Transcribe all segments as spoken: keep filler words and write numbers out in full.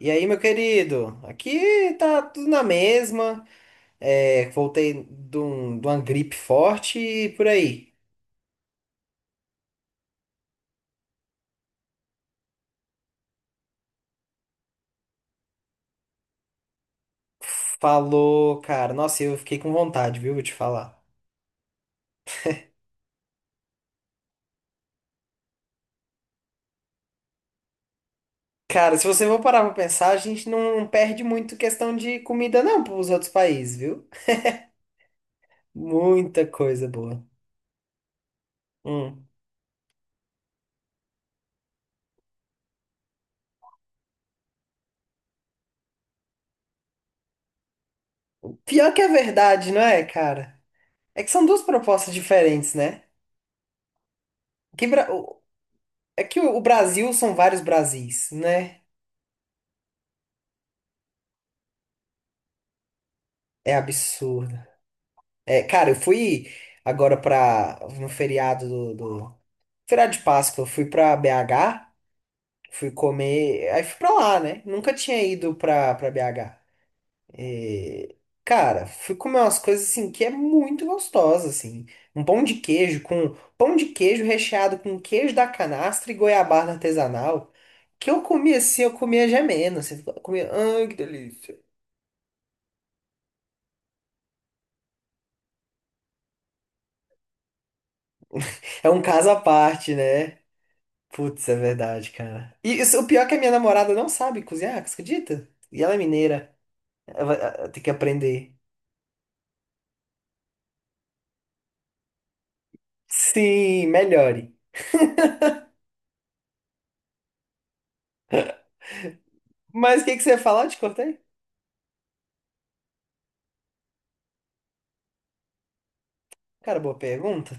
E aí, meu querido? Aqui tá tudo na mesma. É, voltei de, um, de uma gripe forte e por aí. Falou, cara. Nossa, eu fiquei com vontade, viu? Vou te falar. Cara, se você for parar pra pensar, a gente não perde muito questão de comida, não, pros outros países, viu? Muita coisa boa. Hum. Pior que a verdade, não é, cara? É que são duas propostas diferentes, né? Que Bra- o- É que o o Brasil são vários Brasis, né? É absurdo. É, cara, eu fui agora pra. No feriado do, do- feriado de Páscoa, eu fui pra B H, fui comer, aí fui pra lá, né? Nunca tinha ido pra, pra B H. E, cara, fui comer umas coisas assim que é muito gostosa, assim. Um pão de queijo com pão de queijo recheado com queijo da canastra e goiabada artesanal. Que eu comia assim, eu comia gemendo, assim, eu comia, ai, que delícia. É um caso à parte, né? Putz, é verdade, cara. E isso- o pior é que a minha namorada não sabe cozinhar, você acredita? E ela é mineira. Ela, vai- ela tem que aprender. Sim, melhore. Mas o que que você ia falar? Eu te cortei? Cara, boa pergunta.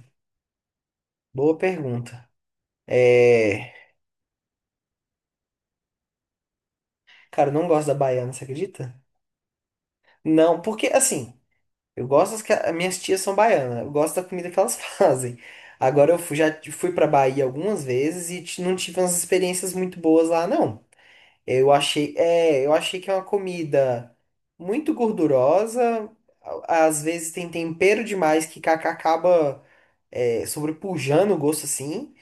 Boa pergunta. É. Cara, eu não gosto da baiana, você acredita? Não, porque assim, eu gosto das que as minhas tias são baianas. Eu gosto da comida que elas fazem. Agora eu fui- já fui pra Bahia algumas vezes e ti- não tive umas experiências muito boas lá, não. Eu achei, é, eu achei que é uma comida muito gordurosa, a- às vezes tem tempero demais que ca- acaba é, sobrepujando o gosto assim,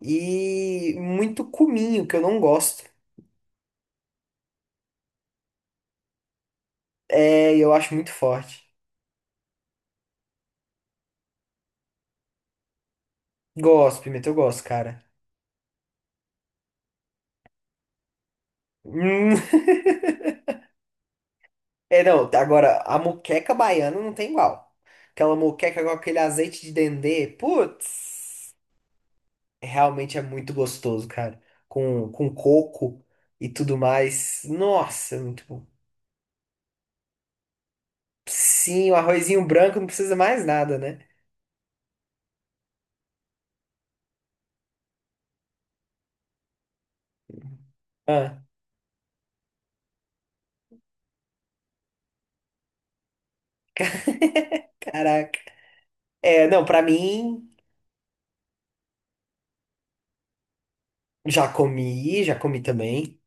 e muito cominho, que eu não gosto. É, eu acho muito forte. Gosto, pimenta, eu gosto, cara. Hum, É, não, agora, a moqueca baiana não tem igual. Aquela moqueca com aquele azeite de dendê, putz. Realmente é muito gostoso, cara. Com, com coco e tudo mais. Nossa, é muito bom. Sim, o arrozinho branco não precisa mais nada, né? Ah, caraca. É, não, pra mim, já comi, já comi também.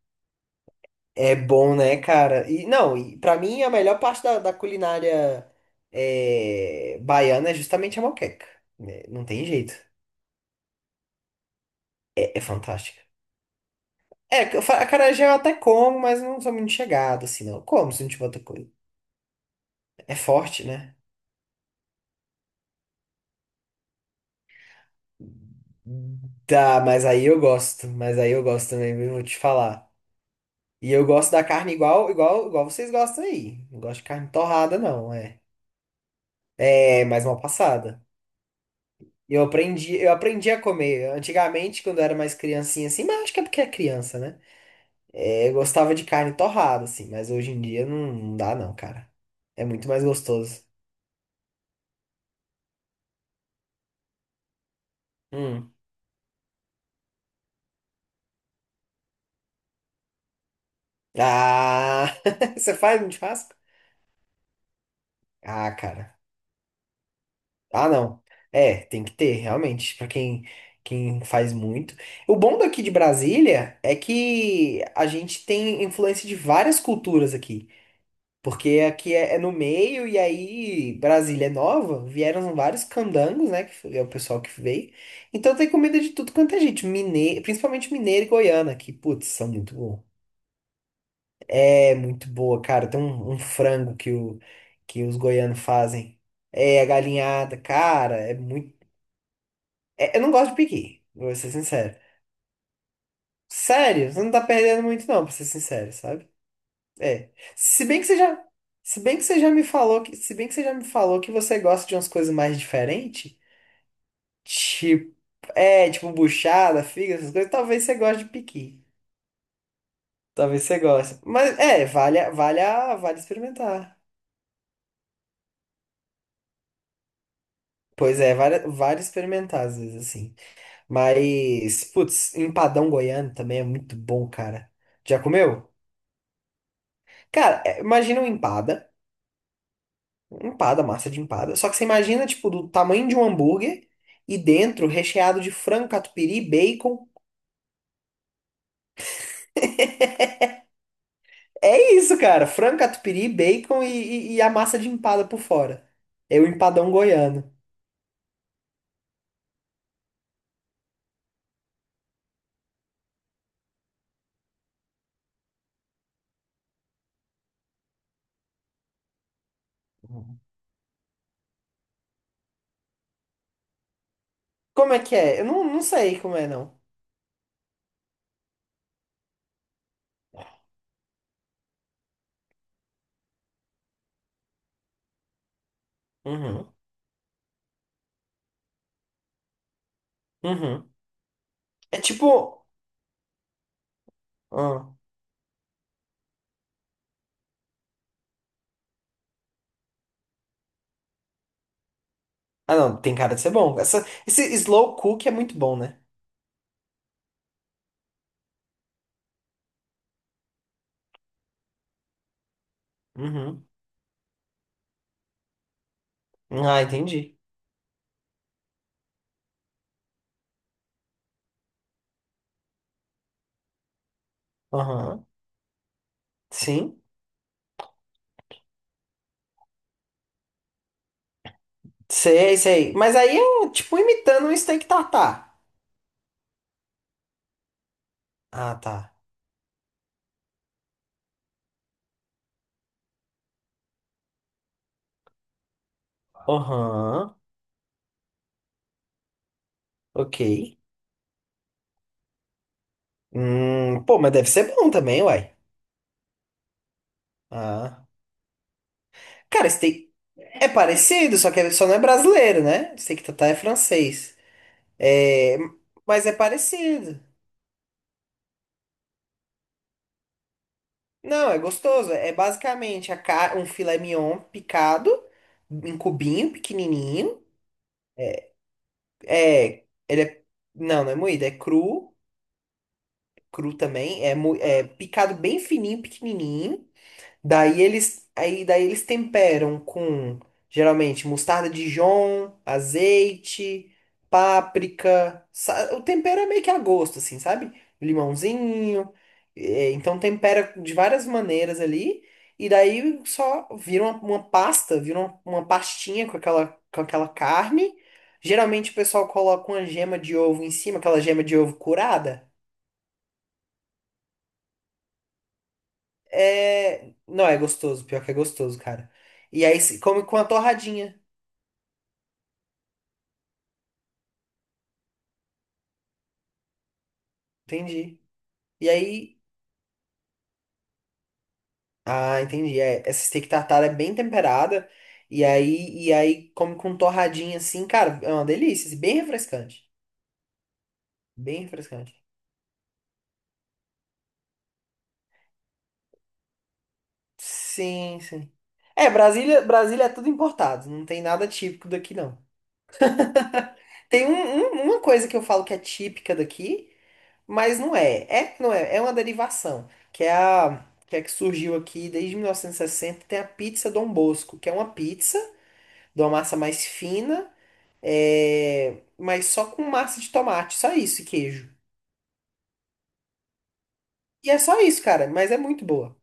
É bom, né, cara? E não, e pra mim a melhor parte da, da culinária é, baiana é justamente a moqueca, né? Não tem jeito. É, é fantástica. É, eu fa- acarajé eu até como, mas não sou muito chegado, assim, não. Como se não tiver outra coisa. É forte, né? Tá, mas aí eu gosto. Mas aí eu gosto também, viu? Vou te falar. E eu gosto da carne igual, igual, igual vocês gostam aí. Não gosto de carne torrada, não, é. É, mais mal passada. Eu aprendi, eu aprendi a comer. Antigamente, quando eu era mais criancinha, assim, mas acho que é porque é criança, né? É, eu gostava de carne torrada, assim, mas hoje em dia não, não dá, não, cara. É muito mais gostoso. Hum. Ah! Você faz um churrasco? Ah, cara. Ah, não. É, tem que ter, realmente, pra quem quem faz muito. O bom daqui de Brasília é que a gente tem influência de várias culturas aqui, porque aqui é, é no meio e aí Brasília é nova, vieram vários candangos, né, que foi- é o pessoal que veio. Então tem comida de tudo quanto é gente, mineiro, principalmente mineiro e goiana, que putz, são muito bom. É muito boa, cara. Tem um, um frango que o que os goianos fazem. É, a galinhada, cara, é muito. É, Eu não gosto de pequi, vou ser sincero. Sério, você não tá perdendo muito, não, pra ser sincero, sabe? É. Se bem que você já. Se bem que você já me falou que. Se bem que você já me falou que você gosta de umas coisas mais diferentes. Tipo. É, tipo buchada, figa, essas coisas. Talvez você goste de pequi. Talvez você goste. Mas é, vale, a- vale, a- vale experimentar. Pois é, vale, vale experimentar, às vezes, assim. Mas, putz, empadão goiano também é muito bom, cara. Já comeu? Cara, é, imagina um empada. Empada, massa de empada. Só que você imagina, tipo, do tamanho de um hambúrguer e dentro recheado de frango, catupiry, bacon. É isso, cara. Frango, catupiry, bacon e, e- e a massa de empada por fora. É o empadão goiano. Como é que é? Eu não, não sei como é, não. Uhum. Uhum. É tipo. Ah. Ah, não, tem cara de ser bom. Essa, esse slow cook é muito bom, né? Uhum. Ah, entendi. Aham. Sim. Sei, sei. Mas aí é tipo imitando um steak tartar. Ah, tá. Aham. Ok. Hum, pô, mas deve ser bom também, uai. Ah. Cara, steak é parecido, só que só não é brasileiro, né? Steak tartar é francês. É, mas é parecido. Não, é gostoso. É basicamente a ca- um filé mignon picado em cubinho pequenininho. É, ele é. Não, não é moído, é cru, cru também. É, mo- é picado bem fininho, pequenininho. Daí eles, aí daí eles temperam com geralmente mostarda Dijon, azeite, páprica. sa- O tempero é meio que a gosto, assim, sabe? Limãozinho. é, então tempera de várias maneiras ali. E daí só vira uma, uma pasta, vira uma, uma pastinha com aquela, com aquela carne. Geralmente o pessoal coloca uma gema de ovo em cima, aquela gema de ovo curada. É. Não, é gostoso, pior que é gostoso, cara. E aí se come com a torradinha. Entendi. E aí. Ah, entendi. É, essa steak tartar é bem temperada. E aí, e aí come com torradinha assim, cara. É uma delícia, assim. Bem refrescante. Bem refrescante. Sim, sim. É, Brasília, Brasília é tudo importado. Não tem nada típico daqui, não. Tem um- um- uma coisa que eu falo que é típica daqui. Mas não é. É, não é. É uma derivação, que é a que é que surgiu aqui desde mil novecentos e sessenta, tem a pizza Dom Bosco, que é uma pizza de uma massa mais fina, é, mas só com massa de tomate, só isso e queijo. E é só isso, cara, mas é muito boa.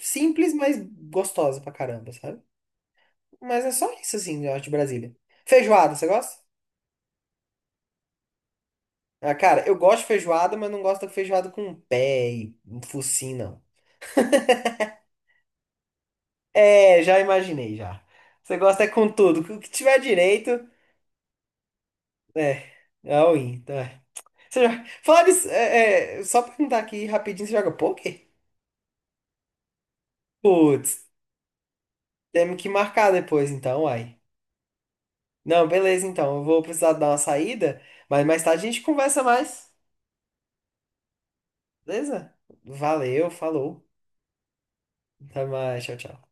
Simples, mas gostosa pra caramba, sabe? Mas é só isso, assim, eu acho, de Brasília. Feijoada, você gosta? Ah, cara, eu gosto de feijoada, mas não gosto da feijoada com pé e um focinho, não. É, já imaginei, já. Você gosta é com tudo. O que tiver direito, é. É all-in, tá? Você já... Falar disso, é, é, só perguntar aqui rapidinho, você joga poker? Putz, temos que marcar depois então, uai. Não, beleza então. Eu vou precisar dar uma saída, mas mais tarde a gente conversa mais. Beleza? Valeu, falou. Até mais, tchau, tchau.